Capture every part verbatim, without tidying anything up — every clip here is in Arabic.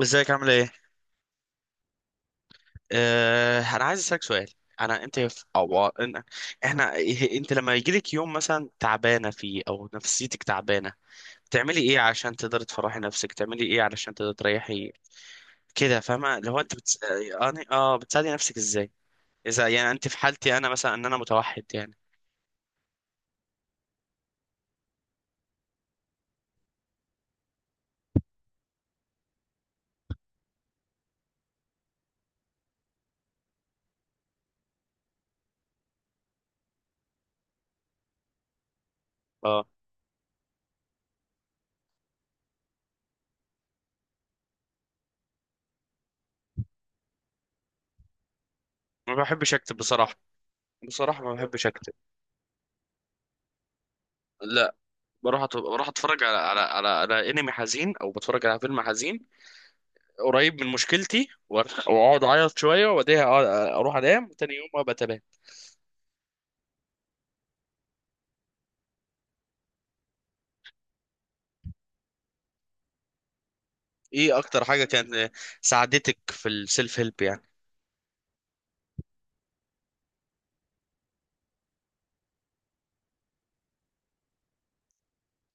ازيك عامله ايه؟ آه انا عايز اسالك سؤال. انا انت في أو... إن... احنا إيه- انت لما يجيلك يوم مثلا تعبانه فيه او نفسيتك تعبانه، بتعملي ايه عشان تقدري تفرحي نفسك؟ بتعملي ايه علشان تقدري تريحي كده؟ فاهمه؟ لو انت بتس... اه أنا- آه، بتساعدي نفسك ازاي؟ اذا يعني انت في حالتي انا مثلا، ان انا متوحد يعني. اه. ما بحبش اكتب بصراحه، بصراحه ما بحبش اكتب. لا، بروح أت... بروح اتفرج على على على, على انمي حزين او بتفرج على فيلم حزين قريب من مشكلتي، وأر- واقعد اعيط شويه وبعدها أقعد- اروح انام وتاني يوم ابقى تمام. ايه اكتر حاجه كان ساعدتك في السيلف هيلب يعني؟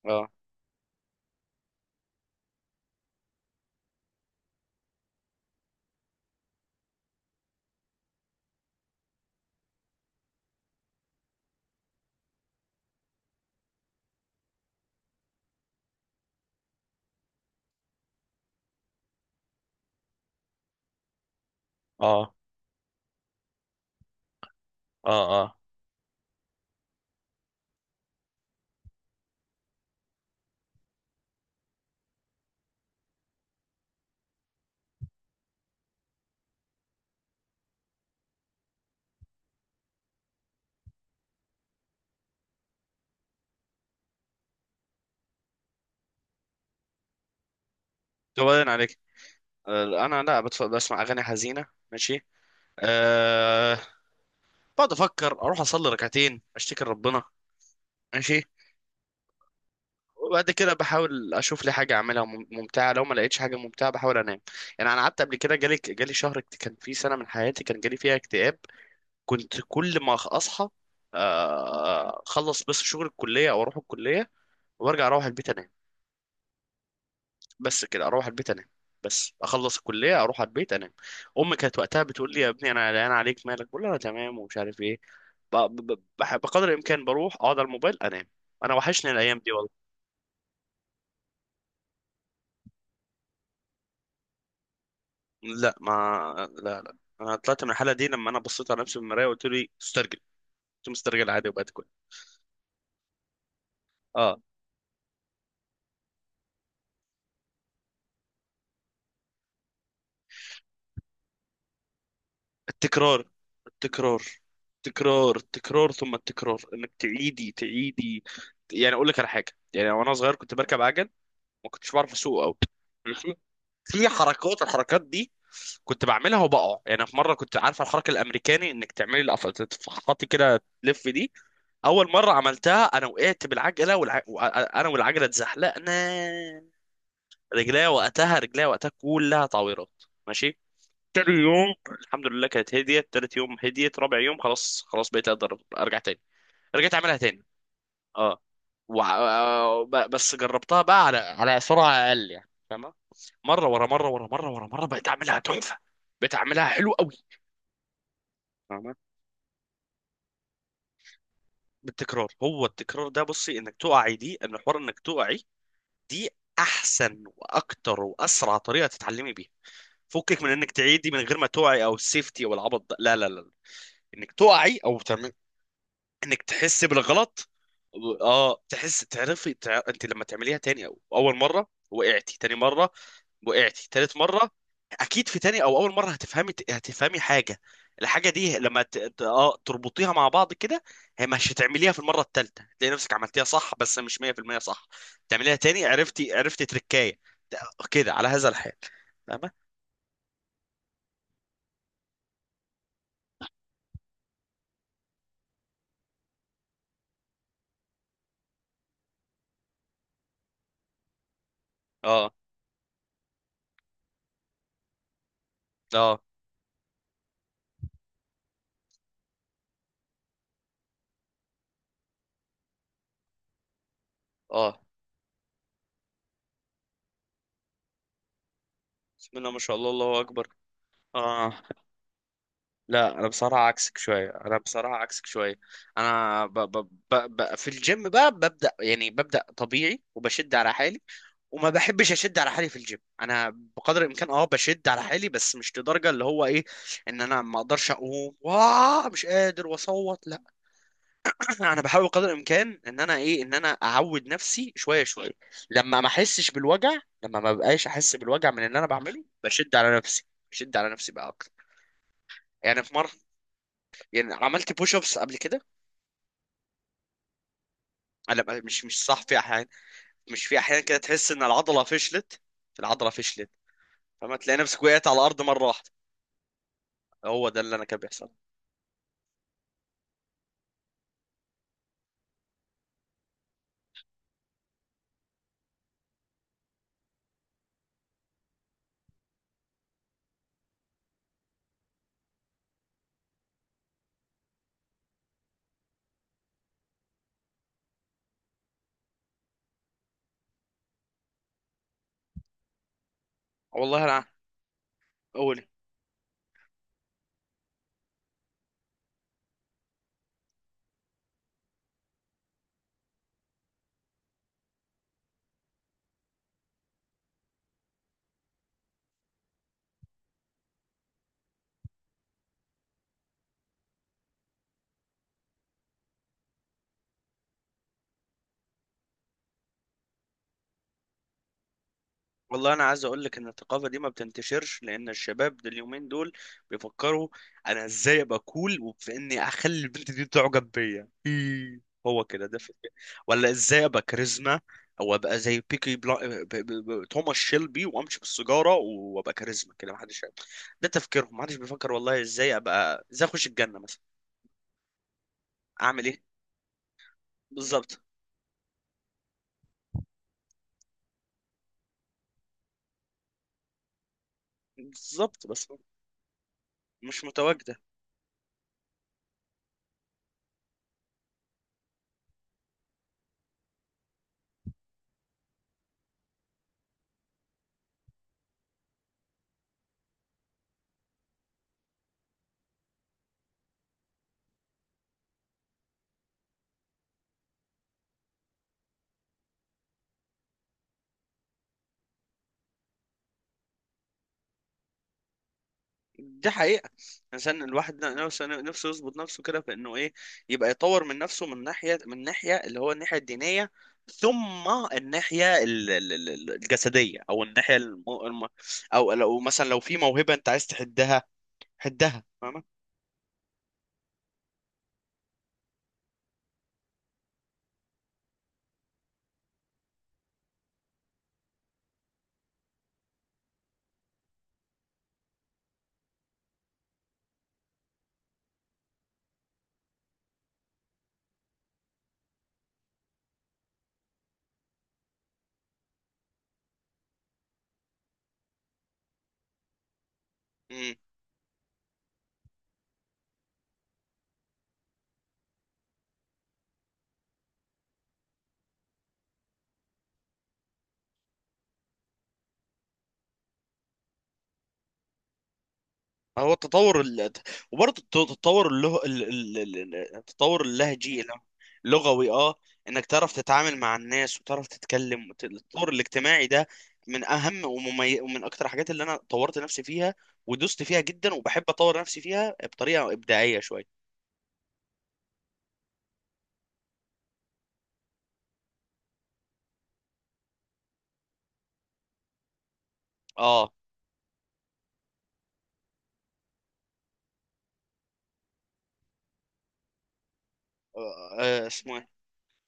اه، اه، اه، اه. طب بعدين عليك. آه، انا لا بتف- بسمع اغاني حزينه. ماشي. أه. بقعد افكر اروح اصلي ركعتين اشتكي لربنا. ماشي. وبعد كده بحاول اشوف لي حاجه اعملها مم- ممتعه، لو ما لقيتش حاجه ممتعه بحاول انام. يعني انا قعدت قبل كده جالي جالي شهر، اكت- كان في سنه من حياتي كان جالي فيها اكتئاب. كنت كل ما اصحى آه، اخلص بس شغل الكليه او اروح الكليه وارجع اروح البيت انام. بس كده، اروح البيت انام. بس اخلص الكليه اروح على البيت انام. امي كانت وقتها بتقول لي يا ابني انا قلقان عليك، مالك؟ بقول لها انا تمام ومش عارف ايه. ب- ب- ب- بح- بقدر الامكان بروح اقعد على الموبايل انام. انا وحشني الايام دي والله. لا ما. لا لا. انا طلعت من الحاله دي لما انا بصيت على نفسي في المرايه وقلت لي استرجل. كنت مسترجل عادي وبقت كويس. اه. التكرار. التكرار. التكرار التكرار ثم التكرار، انك تعيدي تعيدي يعني اقول لك على حاجه، يعني وانا صغير كنت بركب عجل. ما كنتش بعرف اسوق قوي. ماشي. في حركات، الحركات دي كنت بعملها وبقع، يعني في مره كنت عارفه الحركه الامريكاني انك تعملي القفل تفحطي كده تلف دي. اول مره عملتها انا وقعت بالعجله والع... وأ- انا والعجله اتزحلقنا. رجليا وقتها رجليا وقتها كلها تعويرات. ماشي. تاني يوم الحمد لله كانت هديت، تالت يوم هديت، رابع يوم خلاص، خلاص بقيت اقدر ارجع تاني. رجعت اعملها تاني. اه. وع... آه، ب- بس جربتها بقى على على سرعه اقل يعني، فاهمه؟ مره ورا مره ورا مره ورا مره بقيت اعملها تحفه. بقيت اعملها حلو قوي. فاهمه؟ بالتكرار، هو التكرار ده بصي، انك تقعي دي ان حوار، انك تقعي دي احسن واكتر واسرع طريقه تتعلمي بيها. فكك من انك تعيدي من غير ما تقعي او السيفتي او العبط ده، لا لا لا، انك تقعي او تعمل، انك تحس بالغلط. اه تحس، تعرفي تع... انت لما تعمليها تاني او اول مره وقعتي تاني مره، وقعتي تالت مره، اكيد في تاني او اول مره هتفهمي هتفهمي حاجه. الحاجه دي لما ت... ت- اه تربطيها مع بعض كده، هي مش هتعمليها في المره التالته تلاقي نفسك عملتيها صح، بس مش مية في المية صح. تعمليها تاني، عرفتي عرفتي تركايه. ت- كده على هذا الحال. فاهمه؟ اه، اه، اه. بسم الله ما شاء الله، الله اكبر. اه. لا انا بصراحه عكسك شويه، انا بصراحه عكسك شويه. انا ب ب ب ب في الجيم بقى ببدا، يعني ببدا طبيعي وبشد على حالي، وما بحبش اشد على حالي في الجيم انا. بقدر الامكان اه بشد على حالي، بس مش لدرجه اللي هو ايه، ان انا ما اقدرش اقوم، واه مش قادر واصوت، لا. انا بحاول قدر الامكان ان انا ايه، ان انا اعود نفسي شويه شويه، لما ما احسش بالوجع، لما ما بقاش احس بالوجع من اللي انا بعمله بشد على نفسي، بشد على نفسي بقى اكتر. يعني في مره، يعني عملت بوش ابس قبل كده. لا، مش مش صح، في احيان، مش في احيان كده تحس ان العضله فشلت، العضله فشلت، فما تلاقي نفسك وقعت على الارض مره واحده. هو ده اللي انا كان بيحصل. والله انا. قول. والله انا عايز اقول لك ان الثقافه دي ما بتنتشرش، لان الشباب دول اليومين دول بيفكروا انا ازاي ابقى كول، وفي اني اخلي البنت دي تعجب بيا إيه، هو كده ده فكرة. ولا ازاي ابقى كاريزما، او ابقى زي بيكي بلا... ب... ب... ب... توماس شيلبي وامشي بالسيجاره وابقى كاريزما كده، ما حدش ده تفكيرهم، ما حدش بيفكر والله ازاي ابقى، ازاي اخش الجنه مثلا، اعمل ايه. بالظبط. بالظبط. بس مش متواجد. دي حقيقة. عشان الواحد نفسه، نفسه يظبط نفسه كده في انه ايه، يبقى يطور من نفسه من ناحية، من ناحية اللي هو الناحية الدينية، ثم الناحية ال- ال- ال- الجسدية او الناحية الم... الم- او لو مثلا لو في موهبة انت عايز تحدها، حدها. فاهمة؟ هو التطور ال... وبرضه الت- التطور اللغ... ال- ال- ال- ال- التطور اللهجي. لغوي، اه. انك تعرف تتعامل مع الناس وتعرف تتكلم وت- التطور الاجتماعي ده من اهم وممي... ومن اكتر الحاجات اللي انا طورت نفسي فيها، ودوست فيها جدا، وبحب اطور نفسي فيها بطريقة ابداعية شوية. اه. آه، آه، اسمه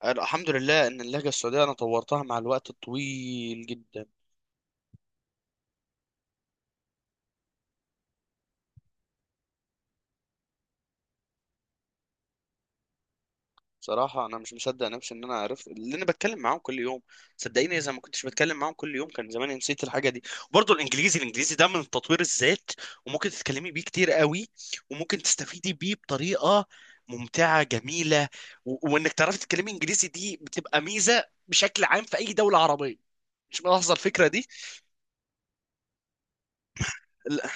ايه. الحمد لله ان اللهجة السعودية انا طورتها مع الوقت الطويل جدا. بصراحة أنا مش مصدق نفسي إن أنا عرفت اللي أنا بتكلم معاهم كل يوم. صدقيني إذا ما كنتش بتكلم معاهم كل يوم كان زماني نسيت الحاجة دي. وبرضه الإنجليزي الإنجليزي ده من تطوير الذات، وممكن تتكلمي بيه كتير قوي، وممكن تستفيدي بيه بطريقة ممتعة جميلة. و... وإنك تعرفي تتكلمي إنجليزي دي بتبقى ميزة بشكل عام في أي دولة عربية. مش ملاحظة الفكرة دي؟ لا.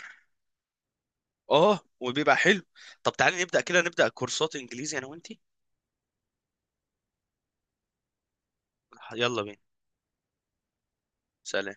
آه وبيبقى حلو. طب تعالي نبدأ كده نبدأ كورسات إنجليزي أنا وأنتي. يلا بينا. سلام.